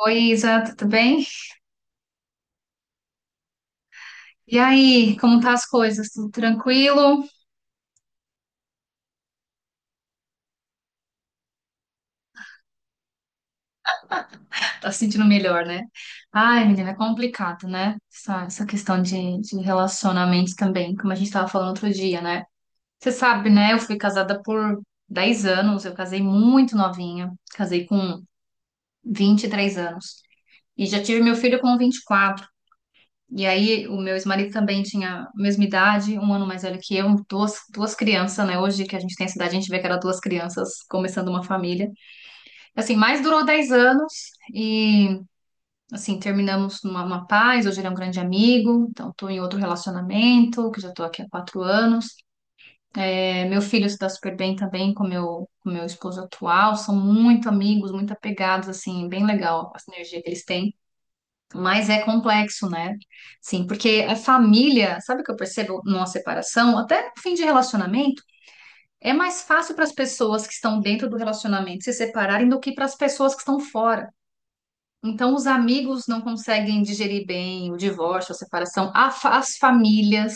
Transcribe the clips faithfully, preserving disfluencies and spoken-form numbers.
Oi, Isa, tudo bem? E aí, como tá as coisas? Tudo tranquilo? Tá se sentindo melhor, né? Ai, menina, é complicado, né? Essa, essa questão de, de relacionamentos também, como a gente tava falando outro dia, né? Você sabe, né? Eu fui casada por dez anos, eu casei muito novinha, casei com vinte e três anos. E já tive meu filho com vinte e quatro. E quatro. E aí, o meu ex-marido também tinha a mesma idade, um ano mais velho que eu, duas, duas crianças, né? Hoje que a gente tem essa idade, a gente vê que era duas crianças começando uma família. Assim, mais durou dez anos e, assim, terminamos numa, numa paz. Hoje ele é um grande amigo, então estou em outro relacionamento, que já estou aqui há quatro anos. É, meu filho se dá super bem também com meu, com meu esposo atual. São muito amigos, muito apegados, assim, bem legal a sinergia que eles têm. Mas é complexo, né? Sim, porque a família, sabe o que eu percebo numa separação? Até no fim de relacionamento, é mais fácil para as pessoas que estão dentro do relacionamento se separarem do que para as pessoas que estão fora. Então, os amigos não conseguem digerir bem o divórcio, a separação, a fa- as famílias.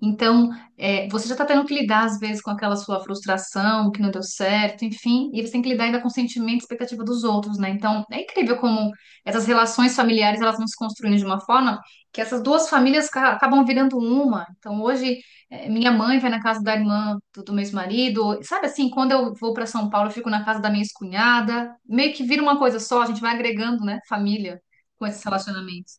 Então, é, você já está tendo que lidar, às vezes, com aquela sua frustração, que não deu certo, enfim, e você tem que lidar ainda com o sentimento e expectativa dos outros, né? Então, é incrível como essas relações familiares elas vão se construindo de uma forma que essas duas famílias ca- acabam virando uma. Então, hoje, é, minha mãe vai na casa da irmã do, do meu ex-marido. Sabe assim, quando eu vou para São Paulo, eu fico na casa da minha ex-cunhada. Meio que vira uma coisa só, a gente vai agregando, né, família com esses relacionamentos.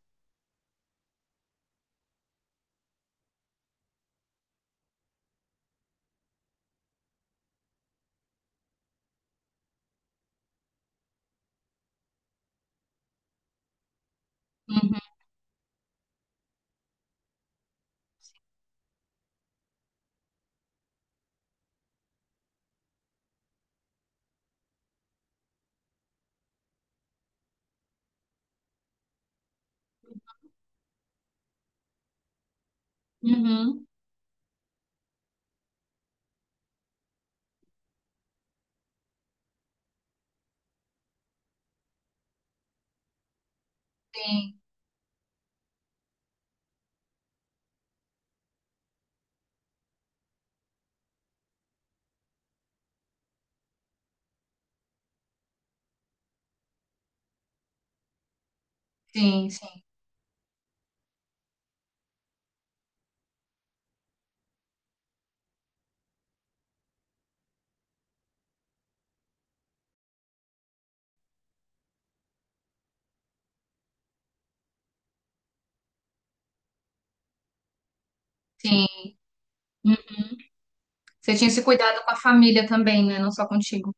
Uhum, uhum. Sim, sim, sim, sim. Hum, Você tinha esse cuidado com a família também, né? Não só contigo.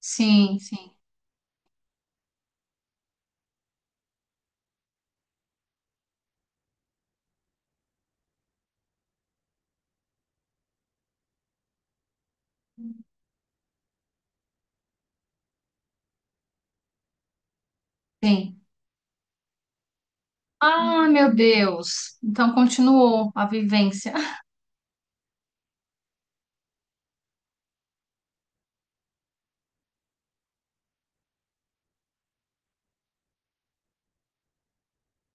Sim, sim, sim. Ah, meu Deus. Então continuou a vivência.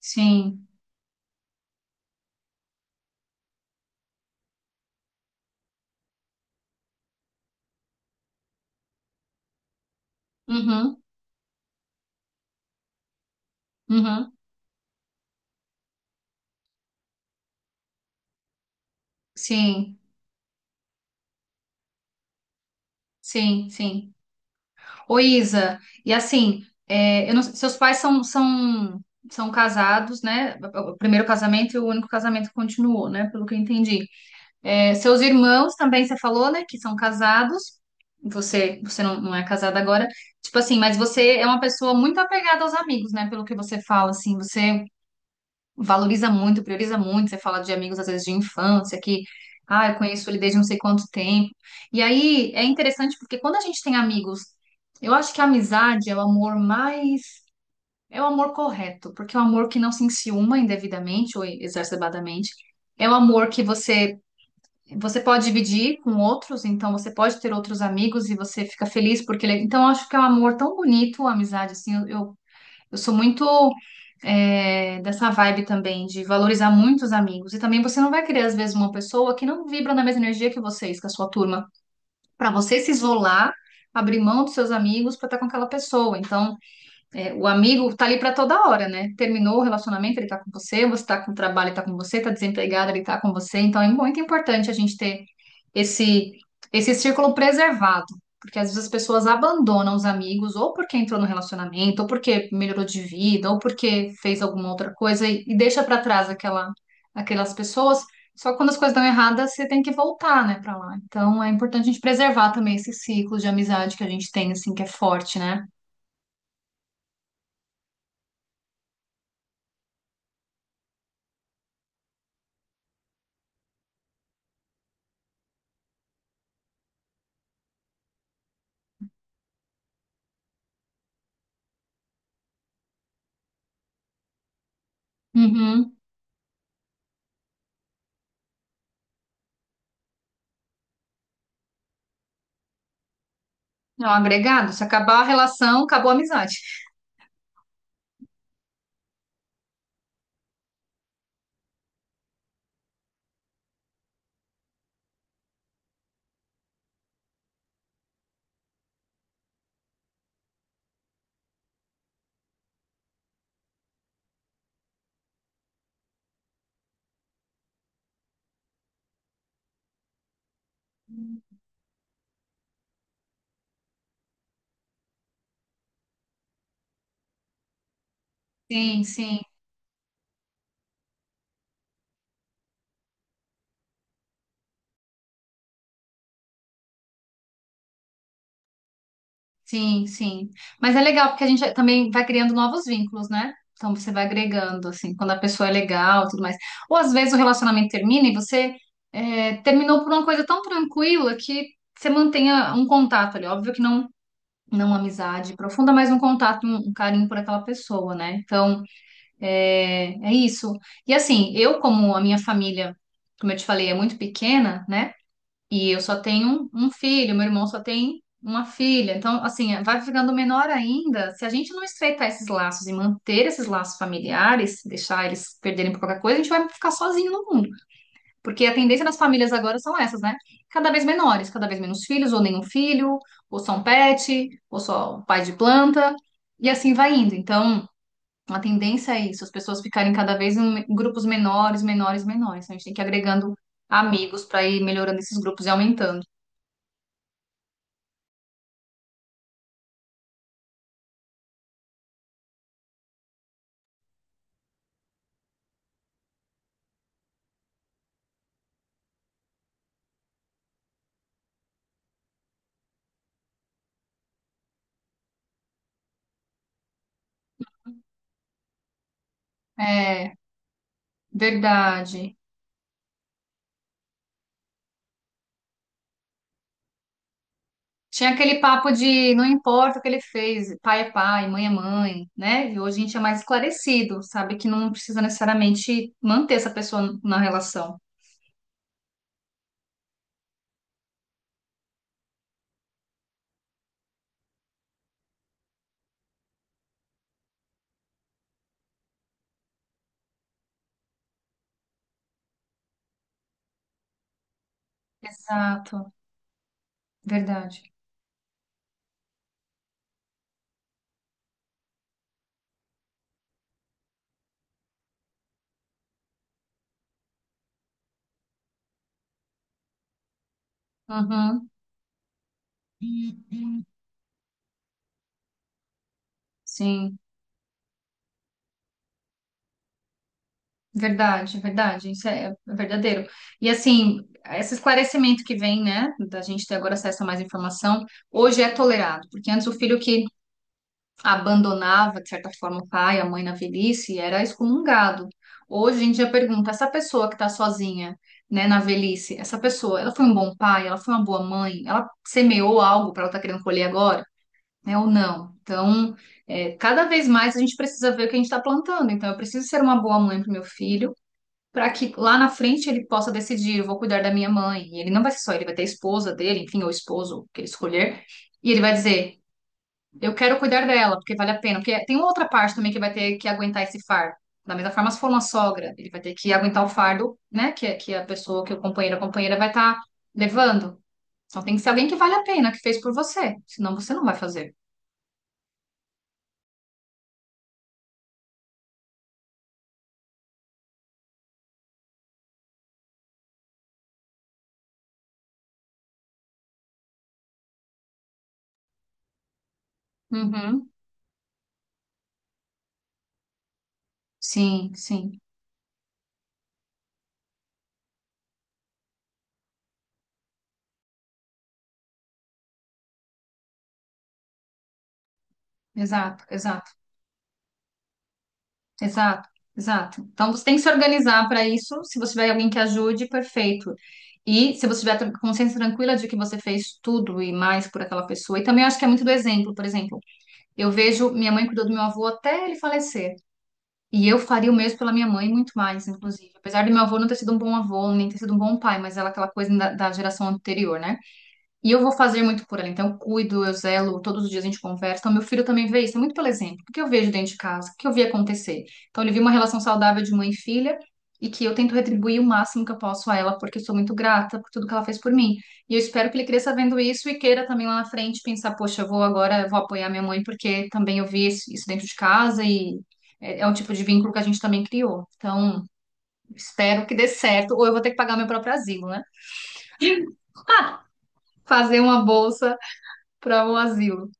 Sim. Uhum, uhum. Sim, sim, sim. Ô, Isa, e assim, é, eu não- seus pais são, são, são casados, né? O primeiro casamento e o único casamento que continuou, né? Pelo que eu entendi. É, seus irmãos também, você falou, né? Que são casados. Você, você não, não é casada agora. Tipo assim, mas você é uma pessoa muito apegada aos amigos, né? Pelo que você fala, assim, você é valoriza muito, prioriza muito. Você fala de amigos, às vezes, de infância, que, ah, eu conheço ele desde não sei quanto tempo. E aí é interessante porque quando a gente tem amigos, eu acho que a amizade é o amor mais. É o amor correto, porque é o amor que não se enciuma indevidamente ou exacerbadamente. É o amor que você. Você pode dividir com outros, então você pode ter outros amigos e você fica feliz porque ele é. Então, eu acho que é um amor tão bonito, a amizade, assim, eu, eu eu sou muito é, dessa vibe também de valorizar muito os amigos. E também você não vai querer, às vezes, uma pessoa que não vibra na mesma energia que vocês, que é a sua turma, para você se isolar, abrir mão dos seus amigos para estar com aquela pessoa. Então, é, o amigo tá ali para toda hora, né? Terminou o relacionamento, ele tá com você, você tá com o trabalho, ele tá com você, tá desempregado, ele tá com você. Então é muito importante a gente ter esse esse círculo preservado, porque às vezes as pessoas abandonam os amigos ou porque entrou no relacionamento, ou porque melhorou de vida, ou porque fez alguma outra coisa e, e deixa para trás aquela aquelas pessoas. Só que quando as coisas dão erradas, você tem que voltar, né, para lá. Então é importante a gente preservar também esse ciclo de amizade que a gente tem, assim, que é forte, né? Uhum. É um agregado. Se acabar a relação, acabou a amizade. Sim, sim, sim, sim. Mas é legal porque a gente também vai criando novos vínculos, né? Então você vai agregando, assim, quando a pessoa é legal, e tudo mais. Ou às vezes o relacionamento termina e você é, terminou por uma coisa tão tranquila que você mantenha um contato ali. Óbvio que não, não uma amizade profunda, mas um contato, um, um carinho por aquela pessoa, né? Então é, é isso. E assim, eu, como a minha família, como eu te falei, é muito pequena, né? E eu só tenho um, um filho, meu irmão só tem uma filha. Então, assim, vai ficando menor ainda. Se a gente não estreitar esses laços e manter esses laços familiares, deixar eles perderem por qualquer coisa, a gente vai ficar sozinho no mundo. Porque a tendência das famílias agora são essas, né? Cada vez menores, cada vez menos filhos, ou nenhum filho, ou só um pet, ou só um pai de planta, e assim vai indo. Então, a tendência é isso, as pessoas ficarem cada vez em grupos menores, menores, menores. Então, a gente tem que ir agregando amigos para ir melhorando esses grupos e aumentando. É, verdade. Tinha aquele papo de não importa o que ele fez, pai é pai, mãe é mãe, né? E hoje a gente é mais esclarecido, sabe que não precisa necessariamente manter essa pessoa na relação. Exato, verdade. Uhum. Sim, verdade, verdade, isso é é verdadeiro. E assim, esse esclarecimento que vem, né, da gente ter agora acesso a mais informação, hoje é tolerado, porque antes o filho que abandonava, de certa forma, o pai, a mãe na velhice, era excomungado. Hoje em dia pergunta, essa pessoa que está sozinha, né, na velhice, essa pessoa, ela foi um bom pai, ela foi uma boa mãe, ela semeou algo para ela estar querendo colher agora, né, ou não? Então, é, cada vez mais a gente precisa ver o que a gente está plantando. Então, eu preciso ser uma boa mãe para o meu filho, para que lá na frente ele possa decidir, eu vou cuidar da minha mãe. E ele não vai ser só, ele vai ter a esposa dele, enfim, ou esposo, o que ele escolher. E ele vai dizer, eu quero cuidar dela, porque vale a pena. Porque tem uma outra parte também que vai ter que aguentar esse fardo. Da mesma forma, se for uma sogra, ele vai ter que aguentar o fardo, né? Que, que a pessoa, que o companheiro, a companheira vai estar levando. Então tem que ser alguém que vale a pena, que fez por você. Senão você não vai fazer. Uhum. Sim, sim. Exato, exato, exato, exato. Então você tem que se organizar para isso. Se você tiver alguém que ajude, perfeito. E se você tiver tran- consciência tranquila de que você fez tudo e mais por aquela pessoa. E também acho que é muito do exemplo, por exemplo. Eu vejo minha mãe cuidou do meu avô até ele falecer. E eu faria o mesmo pela minha mãe, muito mais, inclusive. Apesar do meu avô não ter sido um bom avô, nem ter sido um bom pai, mas ela é aquela coisa da, da geração anterior, né? E eu vou fazer muito por ela. Então, eu cuido, eu zelo, todos os dias a gente conversa. Então, meu filho também vê isso, é muito pelo exemplo. O que eu vejo dentro de casa, o que eu vi acontecer. Então, ele viu uma relação saudável de mãe e filha e que eu tento retribuir o máximo que eu posso a ela, porque eu sou muito grata por tudo que ela fez por mim. E eu espero que ele cresça vendo isso e queira também lá na frente pensar, poxa, eu vou agora, eu vou apoiar minha mãe, porque também eu vi isso isso dentro de casa e é, é um tipo de vínculo que a gente também criou. Então, espero que dê certo, ou eu vou ter que pagar meu próprio asilo, né? Fazer uma bolsa para o asilo.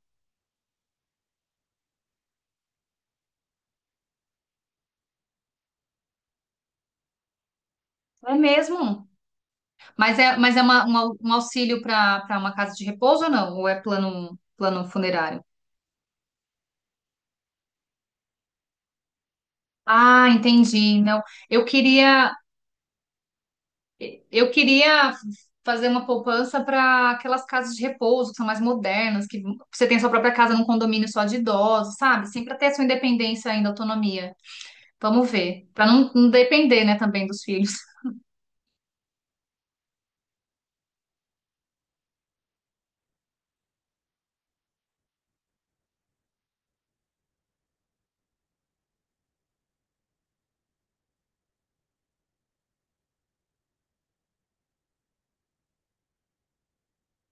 É mesmo? Mas é, mas é uma, uma- um auxílio para para uma casa de repouso ou não? Ou é plano, plano funerário? Ah, entendi. Não, eu queria eu queria fazer uma poupança para aquelas casas de repouso que são mais modernas, que você tem sua própria casa num condomínio só de idosos, sabe? Sempre ter a sua independência ainda, autonomia. Vamos ver, para não, não depender, né, também dos filhos.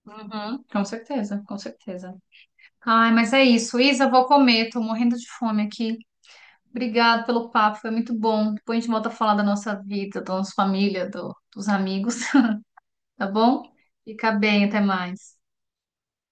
Uhum, com certeza, com certeza. Ai, mas é isso. Isa, vou comer, tô morrendo de fome aqui. Obrigado pelo papo, foi muito bom. Depois a gente volta a falar da nossa vida, da nossa família, do- dos amigos, tá bom? Fica bem, até mais.